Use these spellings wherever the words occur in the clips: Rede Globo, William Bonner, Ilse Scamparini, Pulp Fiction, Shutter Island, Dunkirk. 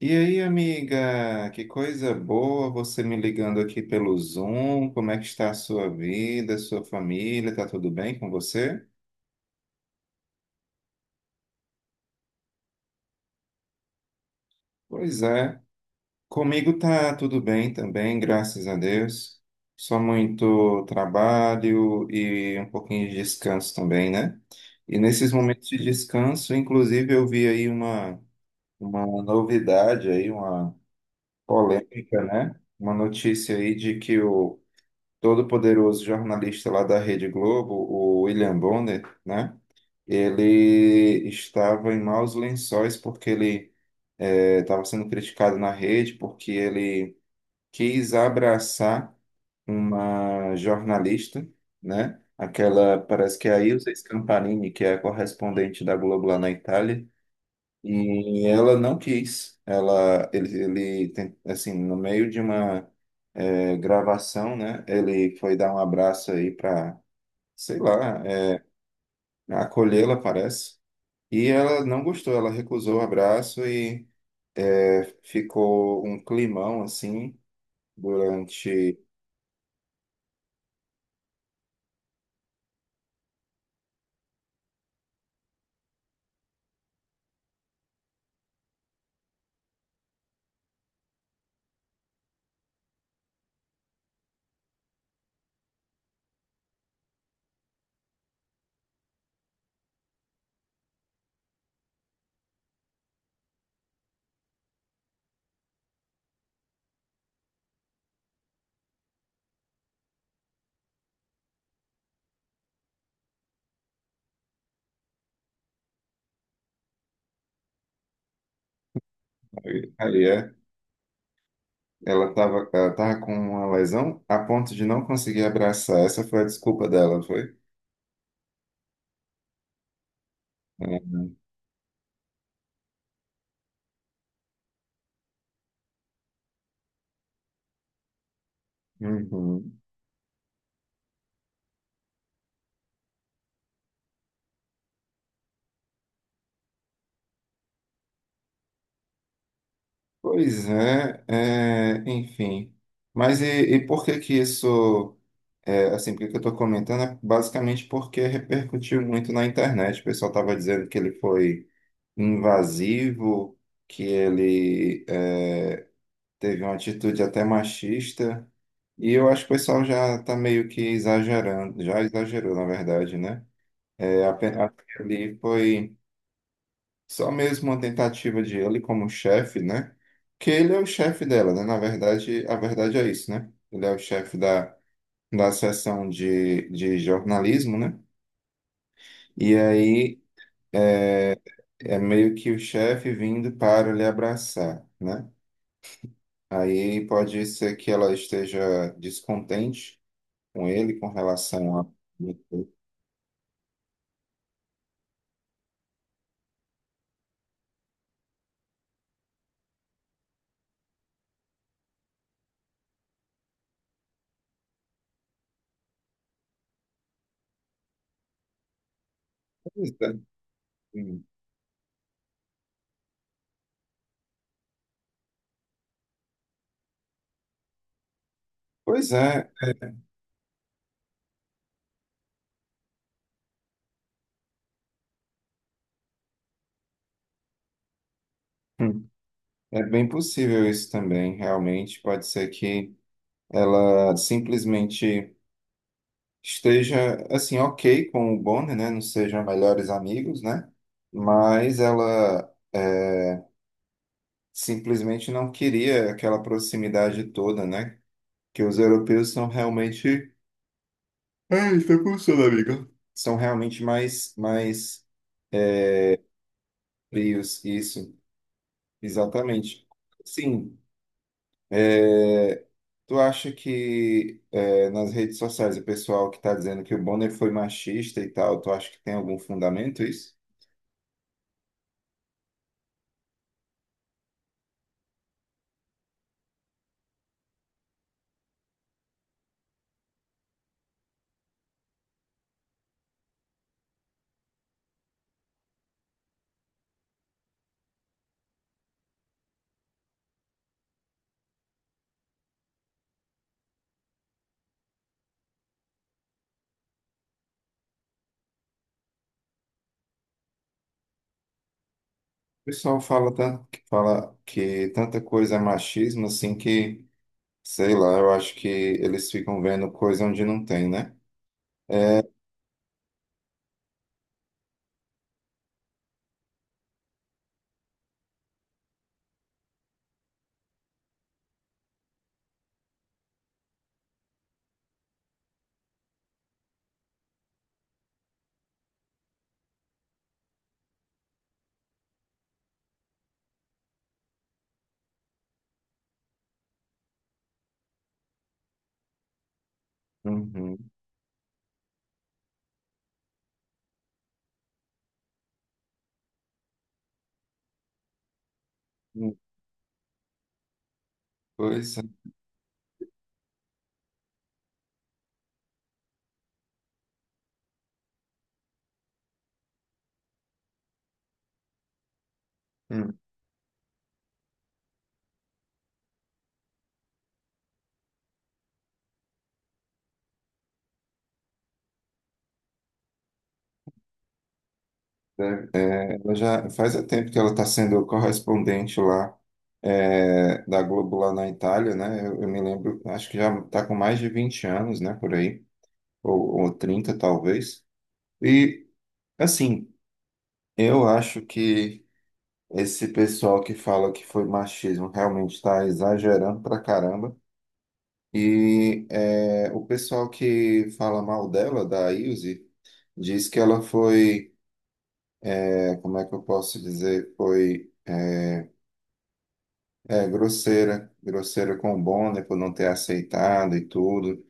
E aí, amiga, que coisa boa você me ligando aqui pelo Zoom. Como é que está a sua vida, a sua família? Tá tudo bem com você? Pois é, comigo tá tudo bem também, graças a Deus. Só muito trabalho e um pouquinho de descanso também, né? E nesses momentos de descanso, inclusive, eu vi aí uma novidade aí, uma polêmica, né? Uma notícia aí de que o todo poderoso jornalista lá da Rede Globo, o William Bonner, né? Ele estava em maus lençóis porque ele estava sendo criticado na rede porque ele quis abraçar uma jornalista, né? Aquela, parece que é a Ilse Scamparini, que é a correspondente da Globo lá na Itália, e ela não quis. Ela, ele, assim, no meio de uma gravação, né? Ele foi dar um abraço aí para, sei lá, acolhê-la, parece. E ela não gostou. Ela recusou o abraço e ficou um climão assim durante. Aí é, ela tava com uma lesão a ponto de não conseguir abraçar. Essa foi a desculpa dela, foi? Uhum. Pois é, é, enfim. Mas e por que que isso, é, assim, por que que eu estou comentando? É basicamente porque repercutiu muito na internet. O pessoal estava dizendo que ele foi invasivo, que ele é, teve uma atitude até machista. E eu acho que o pessoal já está meio que exagerando, já exagerou, na verdade, né? É, apenas ali foi. Só mesmo uma tentativa de ele como chefe, né? Que ele é o chefe dela, né? Na verdade, a verdade é isso, né? Ele é o chefe da seção de jornalismo, né? E aí é meio que o chefe vindo para lhe abraçar, né? Aí pode ser que ela esteja descontente com ele com relação a. Pois é. Hum. Pois é, é. Hum. É bem possível isso também, realmente. Pode ser que ela simplesmente esteja assim ok com o Bonnie, né? Não sejam melhores amigos, né? Mas ela é, simplesmente não queria aquela proximidade toda, né? Que os europeus são realmente... Ai, tá pulsando, amiga. São realmente mais frios, isso, exatamente. Sim, é, tu acha que é, nas redes sociais o pessoal que está dizendo que o Bonner foi machista e tal, tu acha que tem algum fundamento isso? O pessoal fala tanto que fala que tanta coisa é machismo assim que, sei lá, eu acho que eles ficam vendo coisa onde não tem, né? Uhum. Coisa. Hum. É, ela já faz tempo que ela está sendo correspondente lá é, da Globo lá na Itália, né? Eu me lembro, acho que já está com mais de 20 anos, né? Por aí, ou 30 talvez. E assim, eu acho que... Esse pessoal que fala que foi machismo realmente está exagerando pra caramba. E é, o pessoal que fala mal dela, da Ilse, diz que ela foi, é, como é que eu posso dizer, foi é, é, grosseira, grosseira com o Bonner por não ter aceitado e tudo.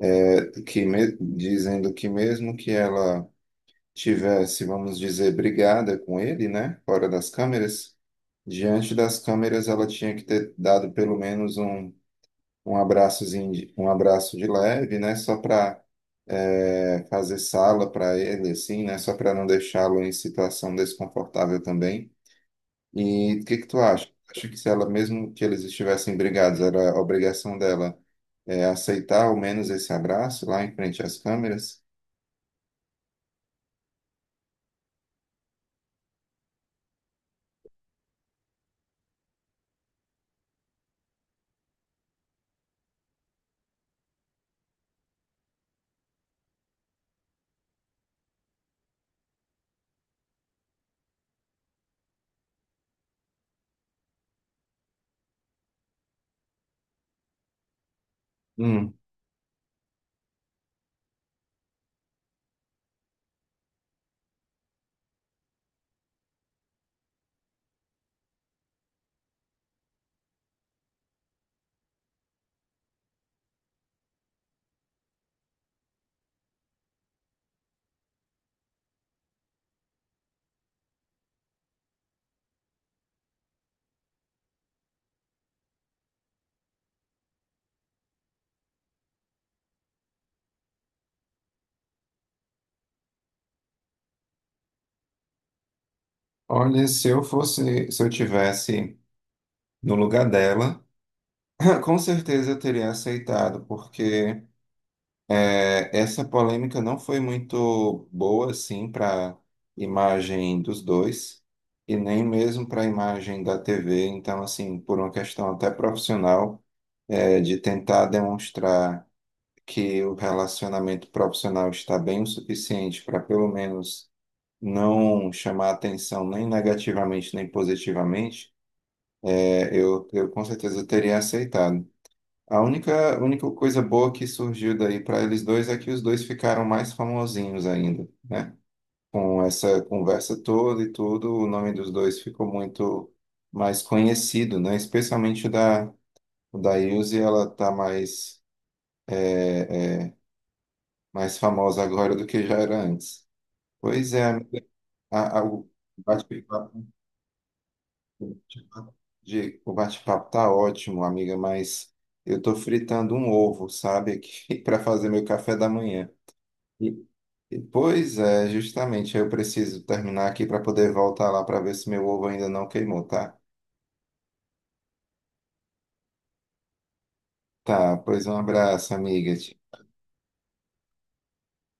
É, dizendo que mesmo que ela tivesse, vamos dizer, brigada com ele, né, fora das câmeras, diante das câmeras ela tinha que ter dado pelo menos um abraçozinho, um abraço de leve, né? Só para fazer sala para ele, assim, né? Só para não deixá-lo em situação desconfortável também. E o que que tu acha? Acho que se ela, mesmo que eles estivessem brigados, era obrigação dela é, aceitar ao menos esse abraço lá em frente às câmeras? Hum. Olha, se eu fosse, se eu tivesse no lugar dela, com certeza eu teria aceitado, porque é, essa polêmica não foi muito boa, assim, para imagem dos dois, e nem mesmo para a imagem da TV. Então, assim, por uma questão até profissional, é, de tentar demonstrar que o relacionamento profissional está bem o suficiente para, pelo menos, não chamar atenção nem negativamente nem positivamente, é, eu com certeza teria aceitado. A única coisa boa que surgiu daí para eles dois é que os dois ficaram mais famosinhos ainda, né? Com essa conversa toda e tudo, o nome dos dois ficou muito mais conhecido, né? Especialmente o da Ilse, ela tá mais, mais famosa agora do que já era antes. Pois é, amiga, a- bate-papo o bate-papo de- o bate-papo tá ótimo, amiga, mas eu tô fritando um ovo, sabe, aqui para fazer meu café da manhã. E- Pois é, justamente, eu preciso terminar aqui para poder voltar lá para ver se meu ovo ainda não queimou, tá? Tá, pois um abraço, amiga.